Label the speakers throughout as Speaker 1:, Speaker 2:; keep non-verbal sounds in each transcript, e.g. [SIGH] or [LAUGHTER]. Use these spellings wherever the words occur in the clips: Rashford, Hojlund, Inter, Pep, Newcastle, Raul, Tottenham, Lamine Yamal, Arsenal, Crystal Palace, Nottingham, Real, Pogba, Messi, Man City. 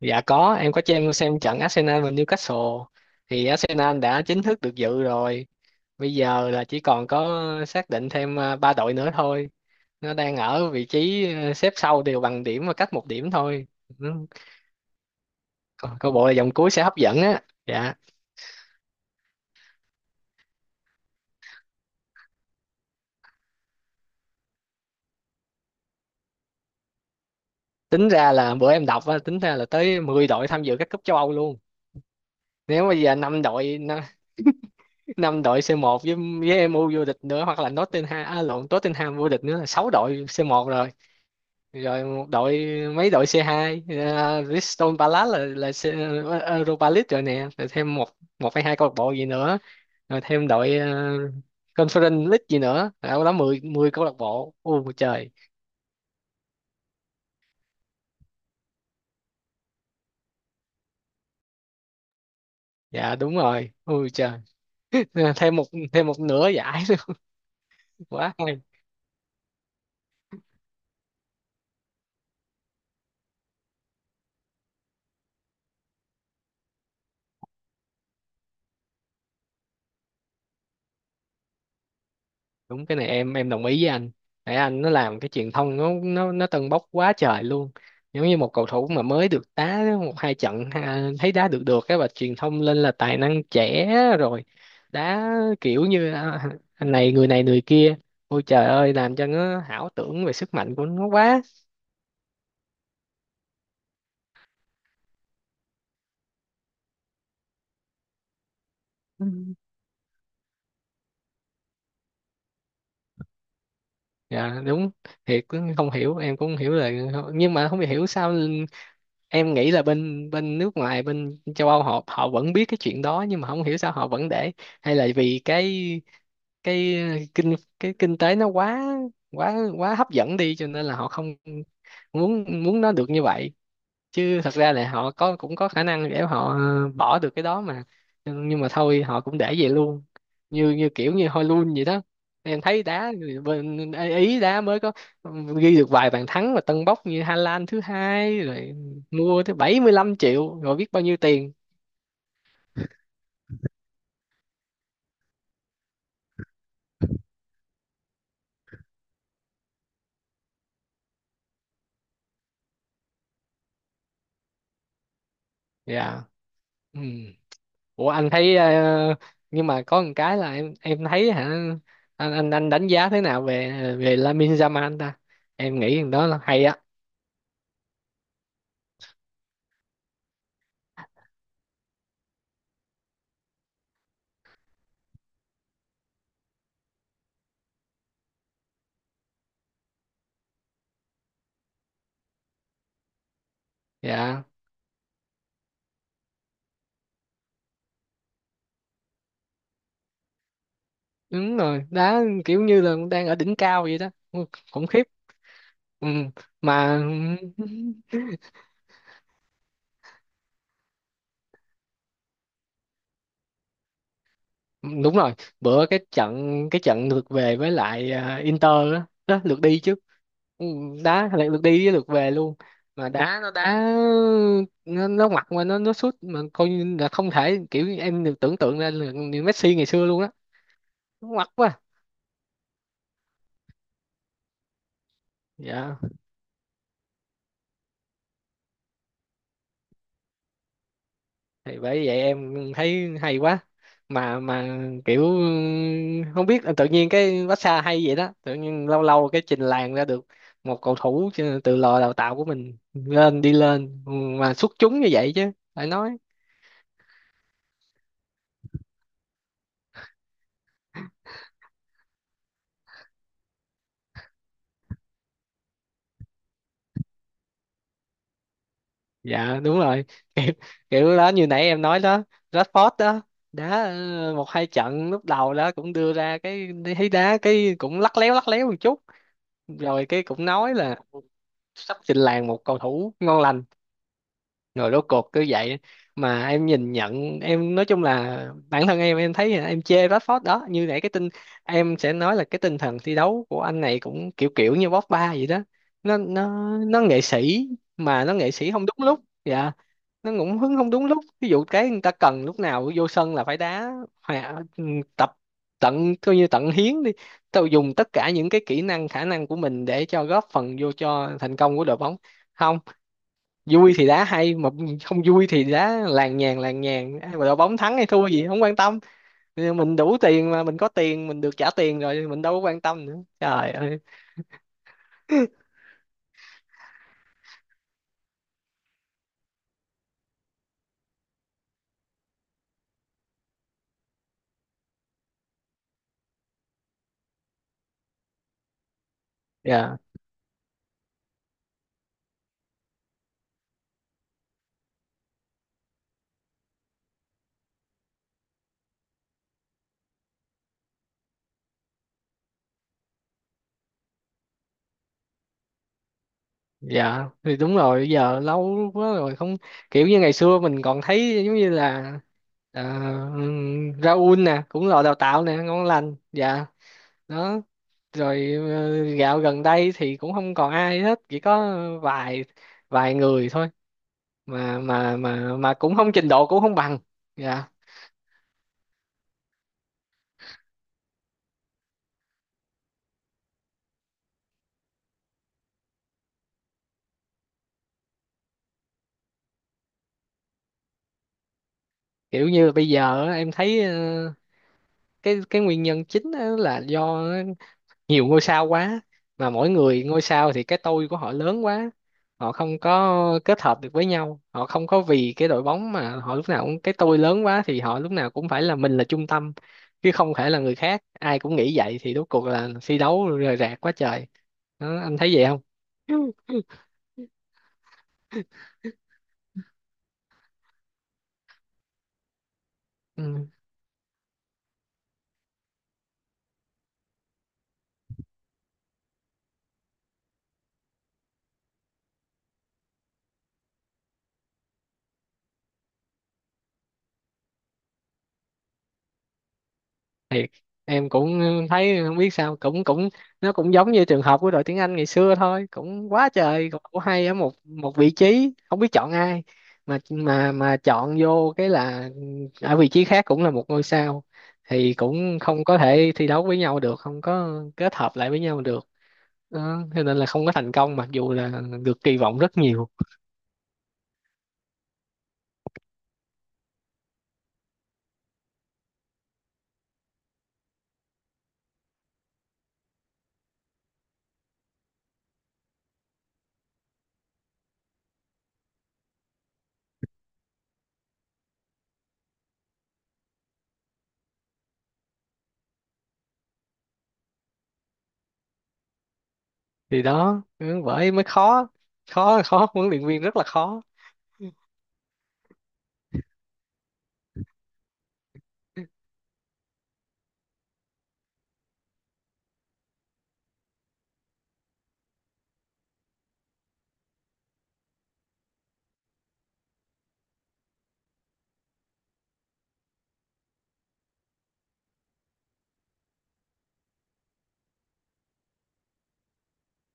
Speaker 1: Dạ có, em có cho em xem trận Arsenal và Newcastle thì Arsenal đã chính thức được dự rồi. Bây giờ là chỉ còn có xác định thêm ba đội nữa thôi. Nó đang ở vị trí xếp sau đều bằng điểm và cách một điểm thôi. Ừ, Câu bộ là vòng cuối sẽ hấp dẫn á. Dạ. Tính ra là bữa em đọc á, tính ra là tới 10 đội tham dự các cúp châu Âu luôn. Nếu bây giờ 5 đội C1 với MU vô địch nữa, hoặc là Nottingham à, lộn Tottenham vô địch nữa là 6 đội C1, rồi một đội, mấy đội C2, Crystal Palace là Europa League rồi nè, rồi thêm một một hay hai câu lạc bộ gì nữa, rồi thêm đội Conference League gì nữa, đâu đó 10 10 câu lạc bộ. Ôi trời, dạ đúng rồi, ôi trời. [LAUGHS] thêm một thêm một nửa giải [LAUGHS] nữa, quá hay. Đúng, cái này em đồng ý với anh. Nãy anh nó làm cái truyền thông, nó tâng bốc quá trời luôn. Giống như một cầu thủ mà mới được đá một hai trận ha, thấy đá được được cái và truyền thông lên là tài năng trẻ, rồi đá kiểu như à, anh này, người này, người kia. Ôi trời ơi, làm cho nó ảo tưởng về sức mạnh của nó quá. Ừ. Dạ đúng, thiệt cũng không hiểu, em cũng không hiểu là, nhưng mà không hiểu sao em nghĩ là bên bên nước ngoài, bên châu Âu, họ họ vẫn biết cái chuyện đó, nhưng mà không hiểu sao họ vẫn để. Hay là vì cái, cái kinh cái kinh tế nó quá quá quá hấp dẫn đi, cho nên là họ không muốn muốn nó được như vậy. Chứ thật ra là họ có, cũng có khả năng để họ bỏ được cái đó mà, nhưng mà thôi, họ cũng để vậy luôn. Như như kiểu như Hojlund vậy đó, em thấy đá người bên Ý, đá mới có, ừ, ghi được vài bàn thắng mà tâng bốc như Hà Lan thứ hai rồi, mua tới 75 triệu, rồi biết bao nhiêu tiền. Dạ. Ừ. Ủa anh thấy, ờ, nhưng mà có một cái là em thấy hả, anh đánh giá thế nào về về Lamine Yamal ta? Em nghĩ thằng đó là hay á. Dạ đúng rồi, đá kiểu như là đang ở đỉnh cao vậy đó. Ừ, khủng khiếp. Ừ. Mà [LAUGHS] đúng rồi. Bữa cái trận, cái trận lượt về với lại Inter, đó, đó lượt đi chứ. Ừ, đá lại lượt đi với lượt về luôn. Mà đá, nó ngoặt mà nó sút mà coi như là không thể, kiểu em được tưởng tượng ra là Messi ngày xưa luôn á. Nó ngoặt quá. Dạ. Thì bởi vậy em thấy hay quá. Mà kiểu Không biết tự nhiên cái massage hay vậy đó, tự nhiên lâu lâu cái trình làng ra được một cầu thủ chứ, từ lò đào tạo của mình lên, đi lên mà xuất chúng như vậy, chứ phải nói. Dạ đúng rồi. [LAUGHS] kiểu, kiểu đó như nãy em nói đó, Rashford đó, đá một hai trận lúc đầu đó, cũng đưa ra cái, thấy đá cái cũng lắc léo một chút, rồi cái cũng nói là sắp trình làng một cầu thủ ngon lành, rồi rốt cuộc cứ vậy. Mà em nhìn nhận, em nói chung là bản thân em thấy là em chê Rashford đó. Như nãy cái tinh, em sẽ nói là cái tinh thần thi đấu của anh này cũng kiểu kiểu như Pogba vậy đó. Nó nó nó nghệ sĩ, mà nó nghệ sĩ không đúng lúc. Dạ. Nó cũng hứng không đúng lúc, ví dụ cái người ta cần, lúc nào vô sân là phải đá, ừ, tập tận, coi như tận hiến đi, tao dùng tất cả những cái kỹ năng, khả năng của mình để cho góp phần vô cho thành công của đội bóng. Không, vui thì đá hay, mà không vui thì đá làng nhàng, ai mà đội bóng thắng hay thua gì không quan tâm. Mình đủ tiền mà, mình có tiền, mình được trả tiền rồi, mình đâu có quan tâm nữa, trời ơi. Dạ. Dạ thì đúng rồi, giờ lâu quá rồi không. Kiểu như ngày xưa mình còn thấy giống như là, ờ, Raul nè, cũng là đào tạo nè, ngon lành. Dạ đó. Rồi gạo gần đây thì cũng không còn ai hết, chỉ có vài vài người thôi, mà cũng không, trình độ cũng không bằng. Dạ. Kiểu như là bây giờ á, em thấy, ờ, cái nguyên nhân chính á là do nhiều ngôi sao quá. Mà mỗi người ngôi sao thì cái tôi của họ lớn quá, họ không có kết hợp được với nhau, họ không có vì cái đội bóng, mà họ lúc nào cũng cái tôi lớn quá thì họ lúc nào cũng phải là mình là trung tâm, chứ không thể là người khác. Ai cũng nghĩ vậy thì rốt cuộc là thi đấu rời rạc quá trời. Đó, anh thấy vậy không? [LAUGHS] Ừ. Thiệt em cũng thấy không biết sao, cũng cũng, nó cũng giống như trường hợp của đội tiếng Anh ngày xưa thôi, cũng quá trời cầu thủ hay ở một một vị trí không biết chọn ai. Mà chọn vô cái là ở vị trí khác cũng là một ngôi sao thì cũng không có thể thi đấu với nhau được, không có kết hợp lại với nhau được. Đó. Cho nên là không có thành công, mặc dù là được kỳ vọng rất nhiều. Thì đó. Ừ, bởi mới khó, khó huấn luyện viên rất là khó.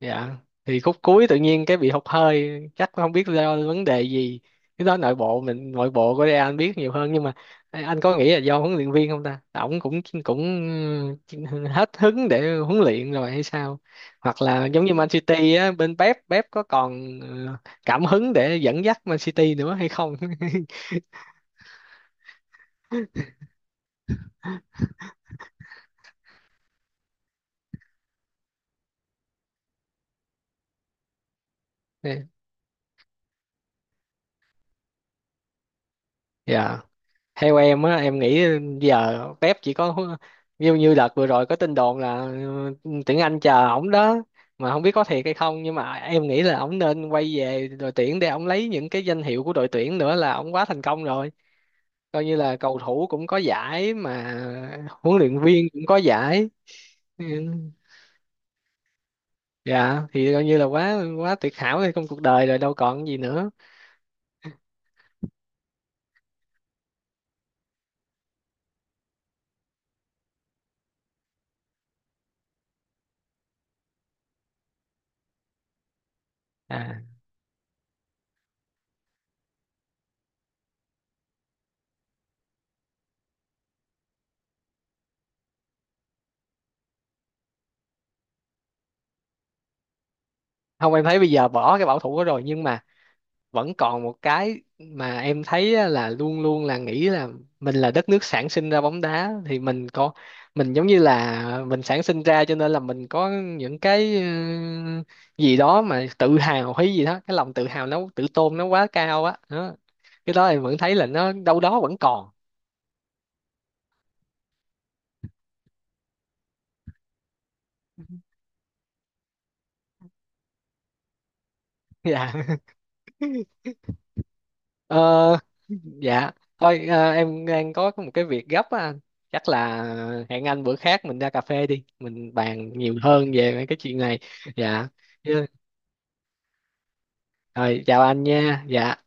Speaker 1: Dạ thì khúc cuối tự nhiên cái bị hụt hơi, chắc không biết do vấn đề gì. Cái đó nội bộ, mình nội bộ của Real anh biết nhiều hơn, nhưng mà anh có nghĩ là do huấn luyện viên không ta, ổng cũng cũng hết hứng để huấn luyện rồi hay sao? Hoặc là giống như Man City á, bên Pep, có còn, ờ, cảm hứng để dẫn dắt Man City nữa hay không? [LAUGHS] Dạ, theo em á, em nghĩ giờ Pep chỉ có, như như đợt vừa rồi có tin đồn là, ừ, tuyển Anh chờ ổng đó. Mà không biết có thiệt hay không, nhưng mà em nghĩ là ổng nên quay về đội tuyển để ổng lấy những cái danh hiệu của đội tuyển nữa, là ổng quá thành công rồi. Coi như là cầu thủ cũng có giải mà huấn luyện viên cũng có giải. Ừ. Dạ thì coi như là quá quá tuyệt hảo trong cuộc đời rồi, đâu còn gì nữa. À không, em thấy bây giờ bỏ cái bảo thủ đó rồi, nhưng mà vẫn còn một cái mà em thấy á, là luôn luôn là nghĩ là mình là đất nước sản sinh ra bóng đá, thì mình có, mình giống như là mình sản sinh ra cho nên là mình có những cái, ừ, gì đó mà tự hào, hay gì đó, cái lòng tự hào, nó tự tôn nó quá cao á đó. Cái đó em vẫn thấy là nó đâu đó vẫn còn. [LAUGHS] Dạ. Ờ. Dạ, thôi em đang có một cái việc gấp á anh. Chắc là hẹn anh bữa khác mình ra cà phê đi, mình bàn nhiều hơn về mấy cái chuyện này. Dạ. Dạ. Rồi, chào anh nha. Dạ.